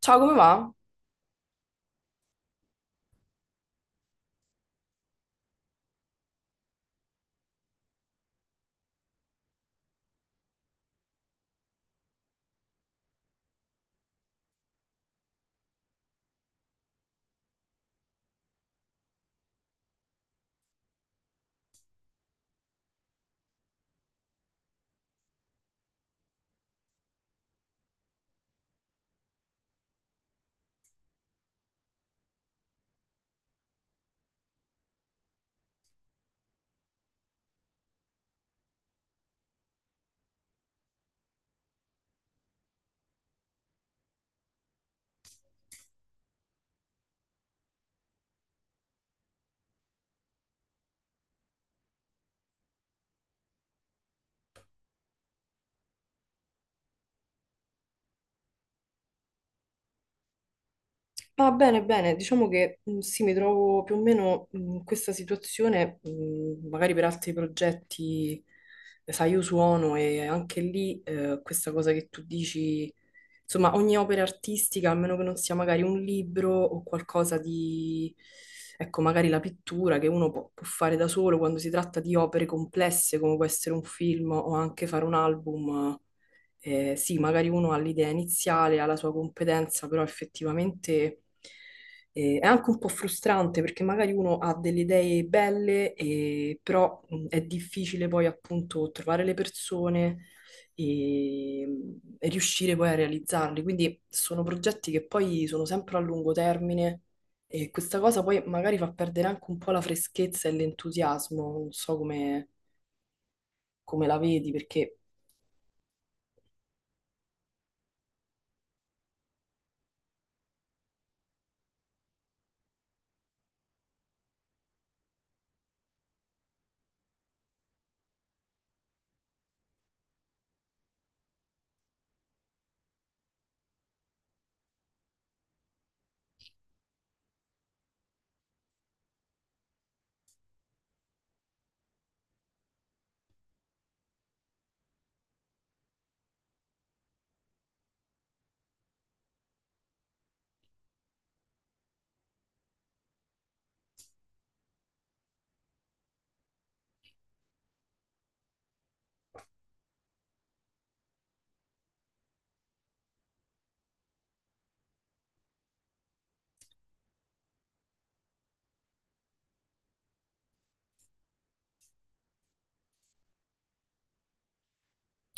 Ciao, come va? Va bene, bene. Diciamo che sì, mi trovo più o meno in questa situazione, magari per altri progetti, sai, io suono e anche lì questa cosa che tu dici, insomma, ogni opera artistica, a meno che non sia magari un libro o qualcosa di, ecco, magari la pittura che uno può fare da solo quando si tratta di opere complesse come può essere un film o anche fare un album. Sì, magari uno ha l'idea iniziale, ha la sua competenza, però effettivamente è anche un po' frustrante perché magari uno ha delle idee belle, però è difficile poi appunto trovare le persone e riuscire poi a realizzarli. Quindi sono progetti che poi sono sempre a lungo termine e questa cosa poi magari fa perdere anche un po' la freschezza e l'entusiasmo, non so come, come la vedi, perché...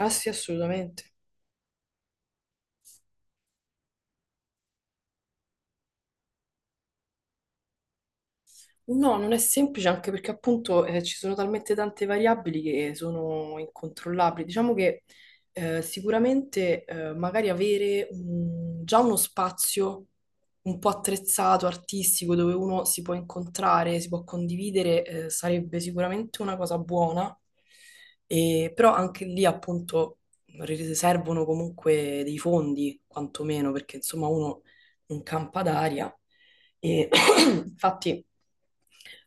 Ah sì, assolutamente. No, non è semplice anche perché appunto ci sono talmente tante variabili che sono incontrollabili. Diciamo che sicuramente magari avere già uno spazio un po' attrezzato, artistico, dove uno si può incontrare, si può condividere, sarebbe sicuramente una cosa buona. Però anche lì appunto servono comunque dei fondi, quantomeno, perché insomma uno non campa d'aria. E infatti.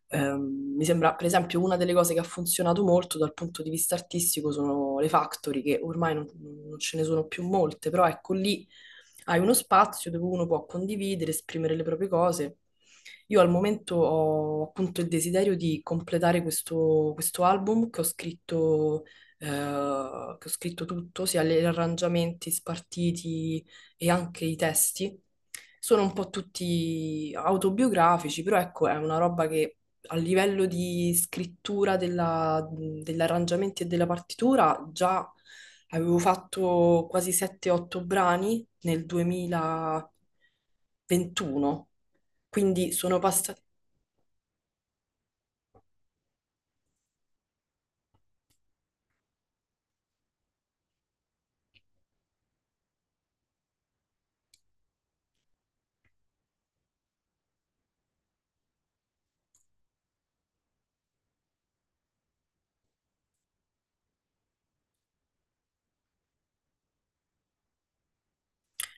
Mi sembra, per esempio, una delle cose che ha funzionato molto dal punto di vista artistico sono le factory, che ormai non ce ne sono più molte, però ecco lì hai uno spazio dove uno può condividere, esprimere le proprie cose. Io al momento ho appunto il desiderio di completare questo album che ho scritto tutto, sia gli arrangiamenti spartiti e anche i testi. Sono un po' tutti autobiografici, però ecco, è una roba che a livello di scrittura degli arrangiamenti e della partitura, già avevo fatto quasi 7-8 brani nel 2021, quindi sono passati.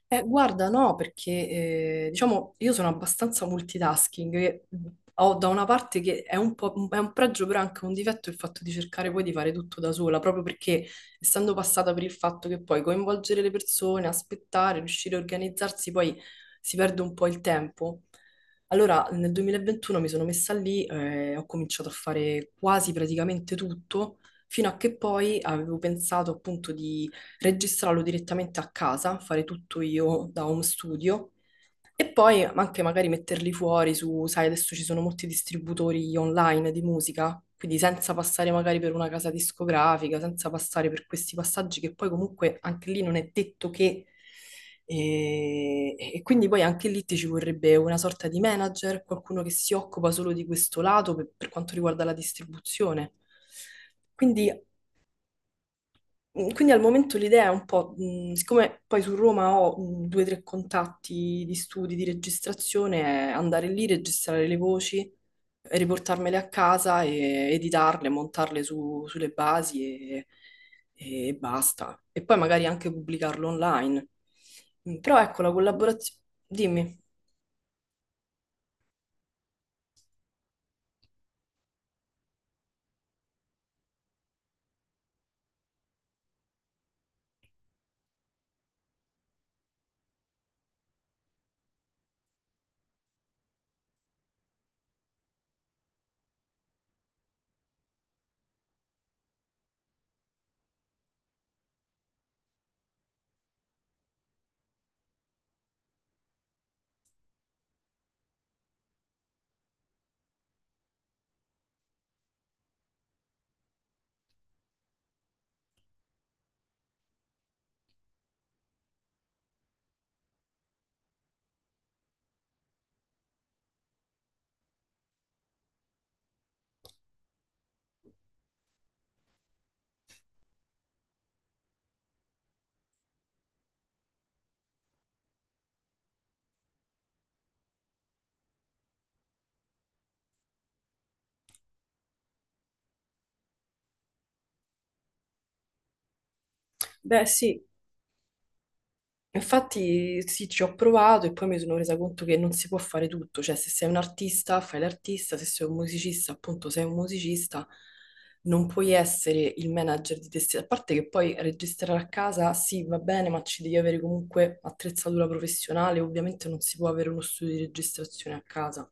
Guarda, no, perché diciamo io sono abbastanza multitasking, e ho da una parte che è un è un pregio, però è anche un difetto il fatto di cercare poi di fare tutto da sola, proprio perché essendo passata per il fatto che poi coinvolgere le persone, aspettare, riuscire a organizzarsi, poi si perde un po' il tempo. Allora, nel 2021 mi sono messa lì, ho cominciato a fare quasi praticamente tutto, fino a che poi avevo pensato appunto registrarlo direttamente a casa, fare tutto io da home studio e poi anche magari metterli fuori su, sai, adesso ci sono molti distributori online di musica, quindi senza passare magari per una casa discografica, senza passare per questi passaggi che poi comunque anche lì non è detto che... E quindi poi anche lì ti ci vorrebbe una sorta di manager, qualcuno che si occupa solo di questo lato per quanto riguarda la distribuzione. Quindi. Mm. Quindi al momento l'idea è un po', siccome poi su Roma ho due o tre contatti di studi, di registrazione, è andare lì, registrare le voci, riportarmele a casa e editarle, montarle sulle basi e basta. E poi magari anche pubblicarlo online. Mm. Però ecco, la collaborazione... Dimmi. Beh, sì. Infatti sì, ci ho provato e poi mi sono resa conto che non si può fare tutto, cioè se sei un artista fai l'artista, se sei un musicista appunto sei un musicista, non puoi essere il manager di te stesso, a parte che poi registrare a casa sì va bene, ma ci devi avere comunque attrezzatura professionale, ovviamente non si può avere uno studio di registrazione a casa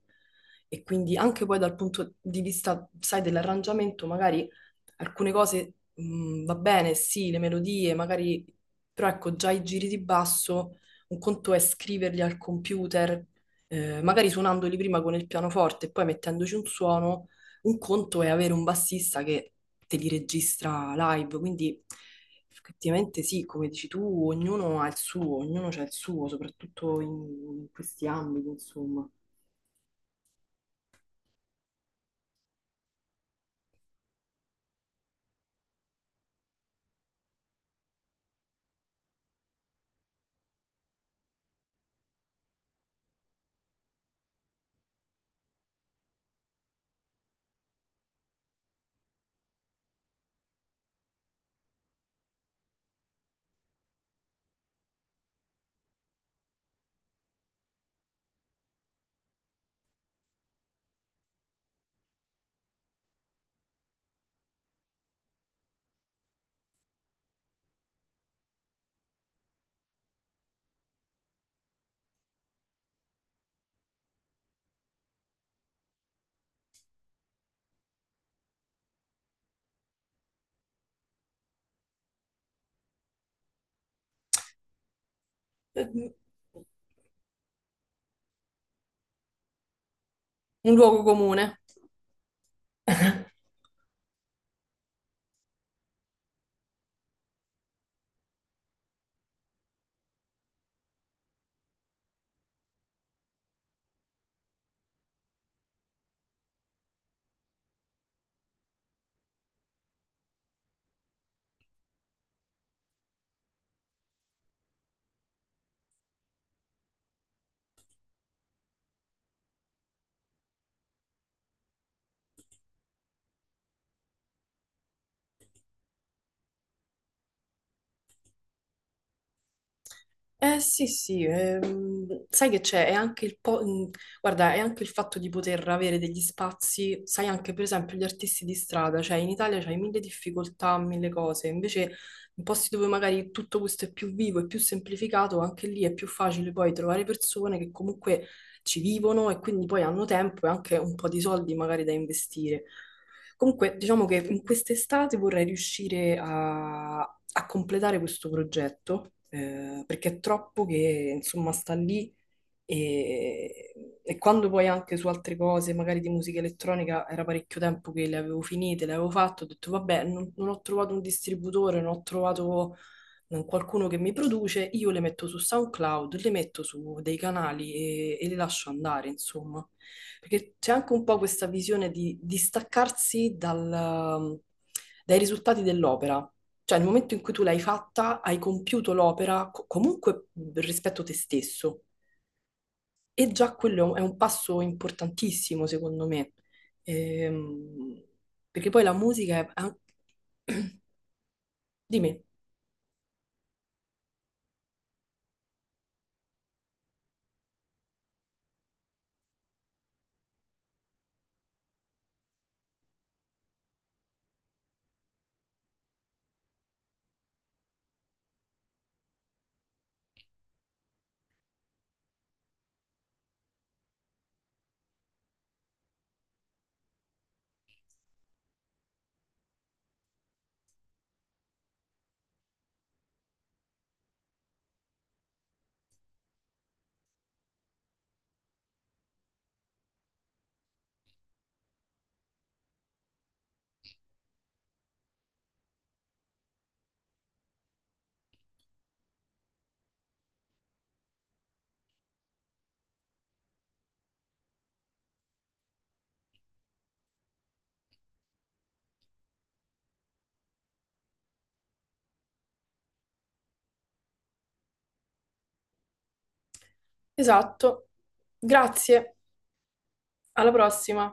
e quindi anche poi dal punto di vista, sai, dell'arrangiamento magari alcune cose... Mm, va bene, sì, le melodie, magari però ecco, già i giri di basso, un conto è scriverli al computer, magari suonandoli prima con il pianoforte e poi mettendoci un suono, un conto è avere un bassista che te li registra live, quindi effettivamente sì, come dici tu, ognuno ha il suo, ognuno c'ha il suo, soprattutto in questi ambiti, insomma. Eh, Un luogo comune. Eh sì, sì, sai che c'è, è anche il guarda, è anche il fatto di poter avere degli spazi, sai anche per esempio gli artisti di strada, cioè in Italia c'hai mille difficoltà, mille cose, invece in posti dove magari tutto questo è più vivo e più semplificato, anche lì è più facile poi trovare persone che comunque ci vivono e quindi poi hanno tempo e anche un po' di soldi magari da investire. Comunque, diciamo che in quest'estate vorrei riuscire a completare questo progetto, perché è troppo che, insomma, sta lì e, e quando poi anche su altre cose, magari di musica elettronica, era parecchio tempo che le avevo finite, le avevo fatte, ho detto vabbè, non ho trovato un distributore, non ho trovato qualcuno che mi produce, io le metto su SoundCloud, le metto su dei canali e le lascio andare, insomma. Perché c'è anche un po' questa visione di distaccarsi dai risultati dell'opera. Cioè, nel momento in cui tu l'hai fatta, hai compiuto l'opera comunque rispetto a te stesso. E già quello è un passo importantissimo, secondo me. Ehm, perché poi la musica è... Dimmi. Esatto. Grazie. Alla prossima.